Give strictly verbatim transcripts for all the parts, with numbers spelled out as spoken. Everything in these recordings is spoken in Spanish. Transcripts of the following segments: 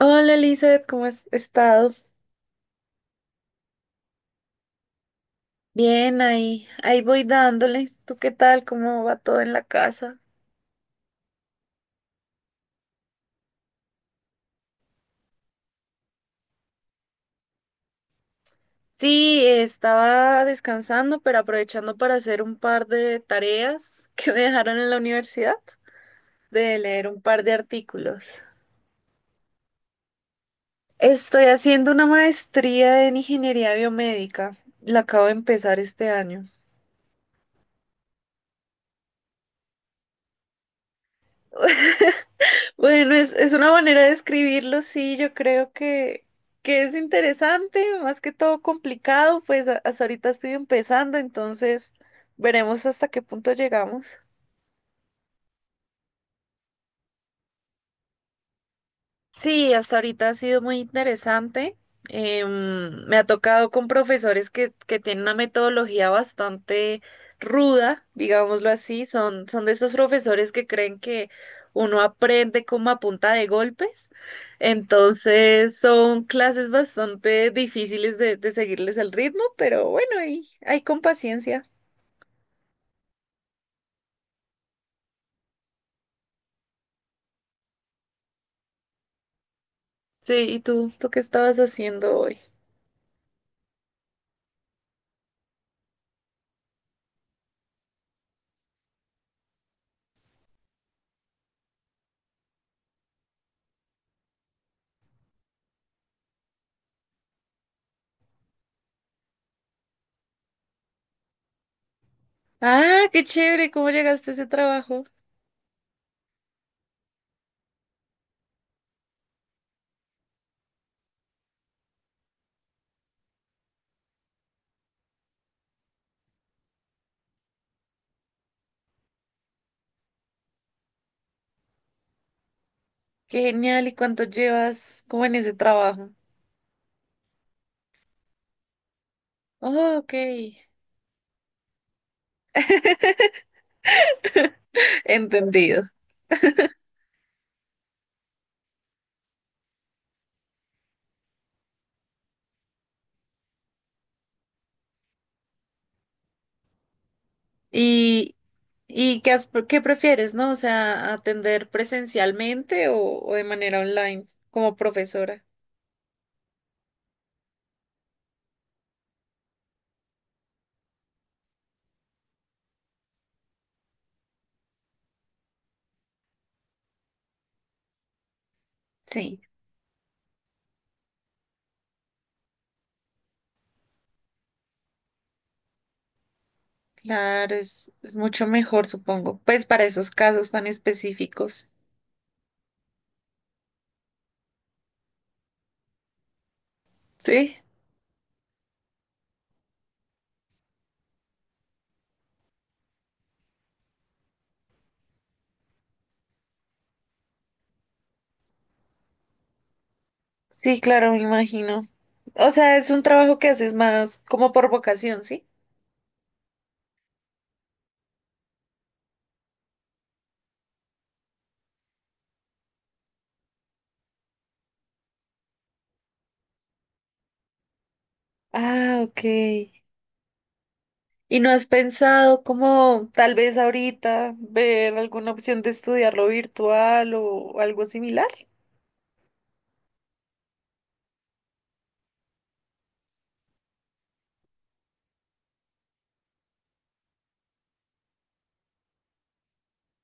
Hola Elizabeth, ¿cómo has estado? Bien, ahí, ahí voy dándole. ¿Tú qué tal? ¿Cómo va todo en la casa? Sí, estaba descansando, pero aprovechando para hacer un par de tareas que me dejaron en la universidad, de leer un par de artículos. Estoy haciendo una maestría en ingeniería biomédica. La acabo de empezar este año. Bueno, es, es una manera de escribirlo, sí, yo creo que, que es interesante, más que todo complicado, pues a- hasta ahorita estoy empezando, entonces veremos hasta qué punto llegamos. Sí, hasta ahorita ha sido muy interesante. Em, me ha tocado con profesores que, que tienen una metodología bastante ruda, digámoslo así. Son, son de estos profesores que creen que uno aprende como a punta de golpes. Entonces son clases bastante difíciles de, de seguirles el ritmo, pero bueno, ahí, ahí con paciencia. Sí, ¿y tú, tú qué estabas haciendo hoy? Ah, qué chévere, ¿cómo llegaste a ese trabajo? Qué genial. ¿Y cuánto llevas como en ese trabajo? Oh, ok. Entendido. ¿Y, y qué, has- qué prefieres, ¿no? O sea, atender presencialmente o, o de manera online como profesora. Sí, claro, es, es mucho mejor, supongo. Pues para esos casos tan específicos. Sí, sí, claro, me imagino. O sea, es un trabajo que haces más como por vocación, ¿sí? Ah, ok. ¿Y no has pensado como tal vez ahorita ver alguna opción de estudiarlo virtual o algo similar?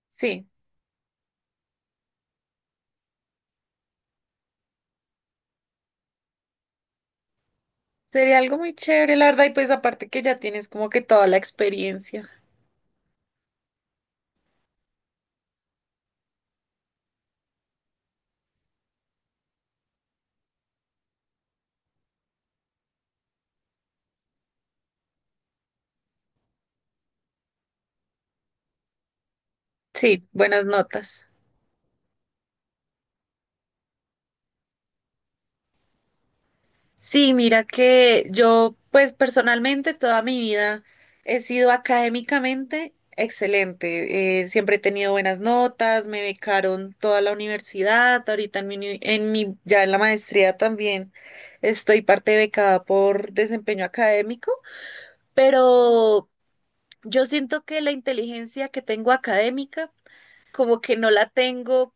Sí, sería algo muy chévere, la verdad, y pues aparte que ya tienes como que toda la experiencia. Sí, buenas notas. Sí, mira que yo, pues personalmente, toda mi vida he sido académicamente excelente. Eh, siempre he tenido buenas notas, me becaron toda la universidad, ahorita en mi, uni- en mi, ya en la maestría también estoy parte becada por desempeño académico, pero yo siento que la inteligencia que tengo académica, como que no la tengo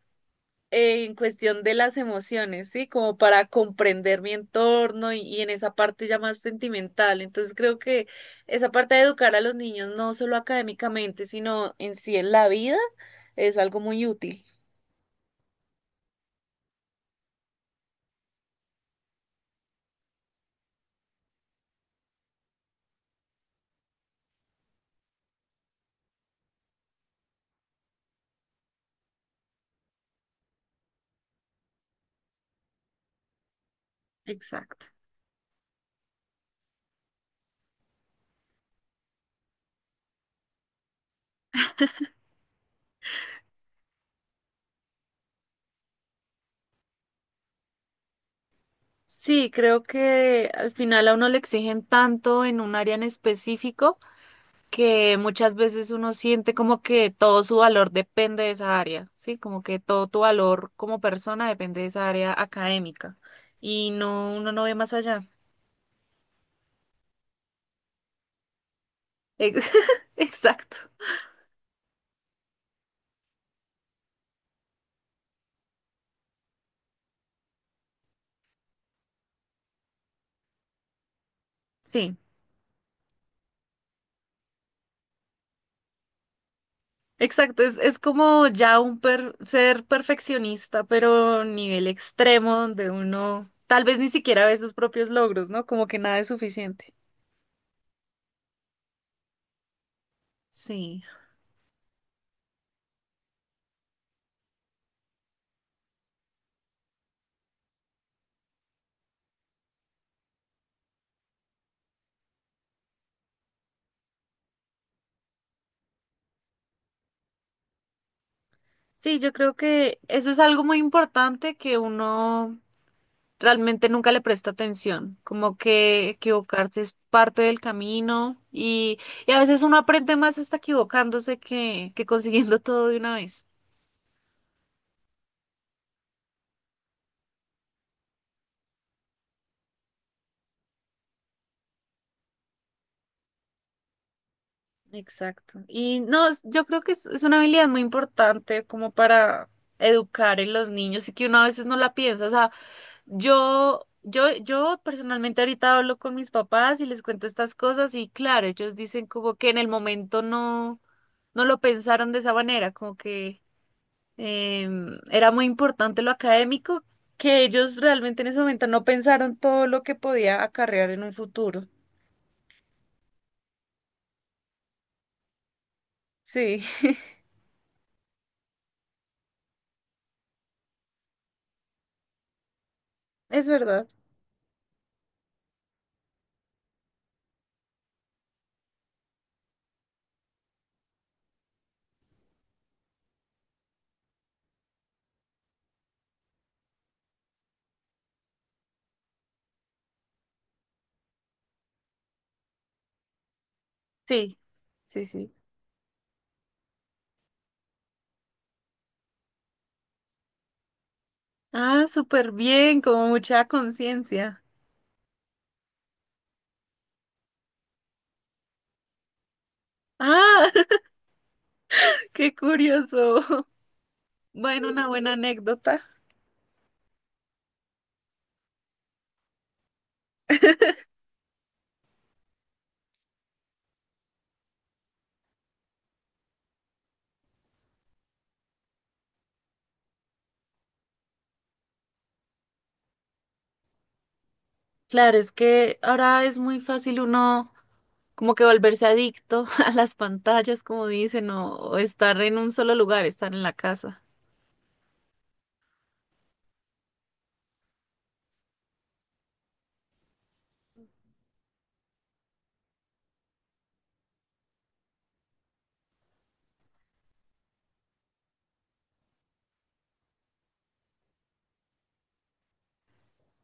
eh, en cuestión de las emociones, ¿sí? Como para comprender mi entorno y, y en esa parte ya más sentimental. Entonces creo que esa parte de educar a los niños, no solo académicamente, sino en sí en la vida, es algo muy útil. Exacto. Sí, creo que al final a uno le exigen tanto en un área en específico, que muchas veces uno siente como que todo su valor depende de esa área, ¿sí? Como que todo tu valor como persona depende de esa área académica y no, uno no ve más allá. Ex- Exacto, sí, exacto, es, es como ya un per- ser perfeccionista, pero nivel extremo donde uno tal vez ni siquiera ve sus propios logros, ¿no? Como que nada es suficiente. Sí. Sí, yo creo que eso es algo muy importante que uno realmente nunca le presta atención, como que equivocarse es parte del camino y, y a veces uno aprende más hasta equivocándose que, que consiguiendo todo de una vez. Exacto. Y no, es- yo creo que es, es una habilidad muy importante como para educar en los niños y que uno a veces no la piensa. O sea, yo, yo, yo personalmente ahorita hablo con mis papás y les cuento estas cosas y claro, ellos dicen como que en el momento no, no lo pensaron de esa manera, como que em, era muy importante lo académico, que ellos realmente en ese momento no pensaron todo lo que podía acarrear en un futuro. Sí, es verdad. Sí, sí, sí. Ah, súper bien, como mucha conciencia. Ah, qué curioso. Bueno, una buena anécdota. Claro, es que ahora es muy fácil uno como que volverse adicto a las pantallas, como dicen, o, o estar en un solo lugar, estar en la casa.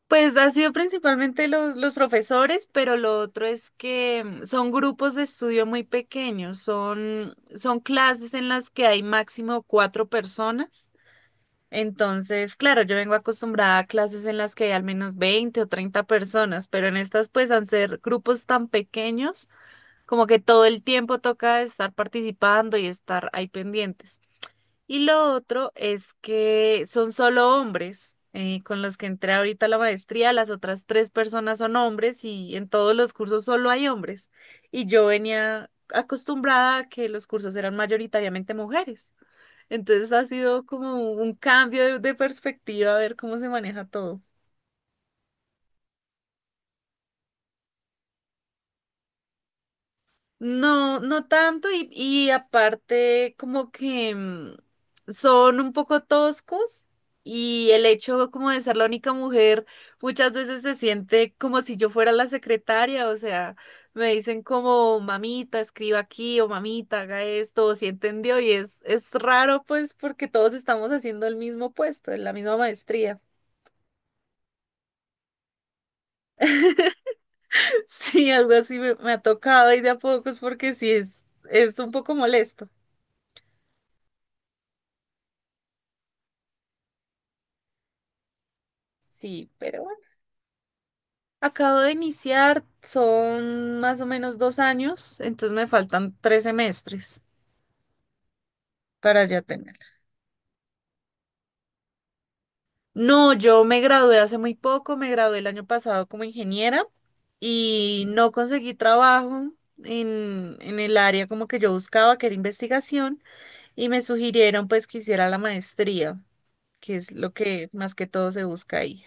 Pues ha sido principalmente los, los profesores, pero lo otro es que mm, son grupos de estudio muy pequeños, son, son clases en las que hay máximo cuatro personas. Entonces, claro, yo vengo acostumbrada a clases en las que hay al menos veinte o treinta personas, pero en estas pues al ser grupos tan pequeños, como que todo el tiempo toca estar participando y estar ahí pendientes. Y lo otro es que son solo hombres, eh, con los que entré ahorita a la maestría. Las otras tres personas son hombres y en todos los cursos solo hay hombres. Y yo venía acostumbrada a que los cursos eran mayoritariamente mujeres. Entonces ha sido como un cambio de, de perspectiva a ver cómo se maneja todo. No, no tanto y, y aparte como que mm, son un poco toscos y el hecho como de ser la única mujer muchas veces se siente como si yo fuera la secretaria. O sea, me dicen como mamita, escriba aquí, o mamita, haga esto, o si entendió, y es, es raro pues porque todos estamos haciendo el mismo puesto, la misma maestría. Sí, algo así me, me ha tocado y de a pocos porque sí es, es un poco molesto. Sí, pero... Acabo de iniciar, son más o menos dos años, entonces me faltan tres semestres para ya tenerla. No, yo me gradué hace muy poco, me gradué el año pasado como ingeniera y no conseguí trabajo en, en el área como que yo buscaba, que era investigación, y me sugirieron pues que hiciera la maestría, que es lo que más que todo se busca ahí.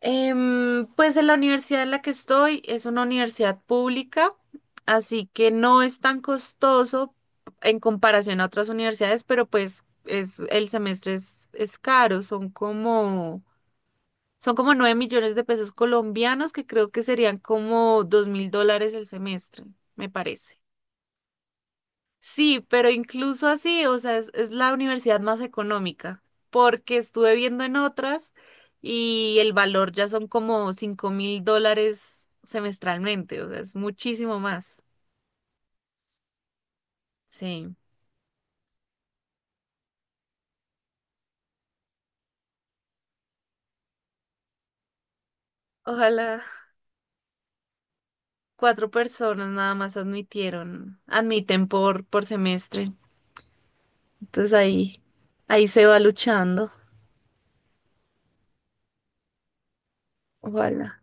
Em, pues en la universidad en la que estoy es una universidad pública, así que no es tan costoso en comparación a otras universidades, pero pues es, el semestre es, es caro, son como, son como nueve millones de pesos colombianos, que creo que serían como dos mil dólares el semestre, me parece. Sí, pero incluso así, o sea, es, es la universidad más económica, porque estuve viendo en otras y el valor ya son como cinco mil dólares semestralmente, o sea, es muchísimo más. Sí. Ojalá. Cuatro personas nada más admitieron, admiten por, por semestre. Entonces ahí, ahí se va luchando. Ojalá.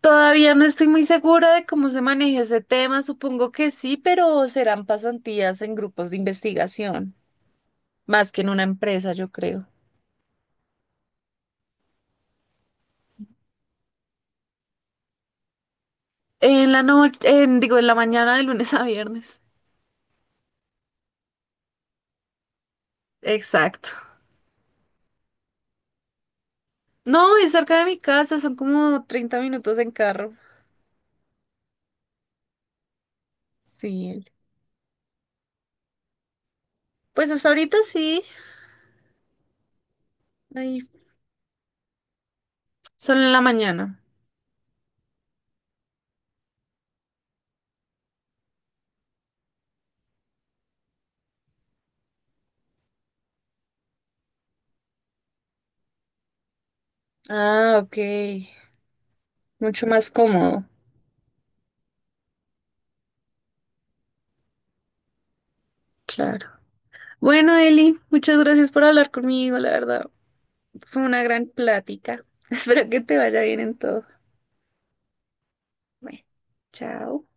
Todavía no estoy muy segura de cómo se maneja ese tema, supongo que sí, pero serán pasantías en grupos de investigación, más que en una empresa, yo creo. En la noche, en, digo, en la mañana de lunes a viernes. Exacto. No, es cerca de mi casa, son como treinta minutos en carro. Sí. Pues hasta ahorita sí, ahí, solo en la mañana. Ah, ok. Mucho más cómodo. Claro. Bueno, Eli, muchas gracias por hablar conmigo, la verdad. Fue una gran plática. Espero que te vaya bien en todo. Bueno, chao.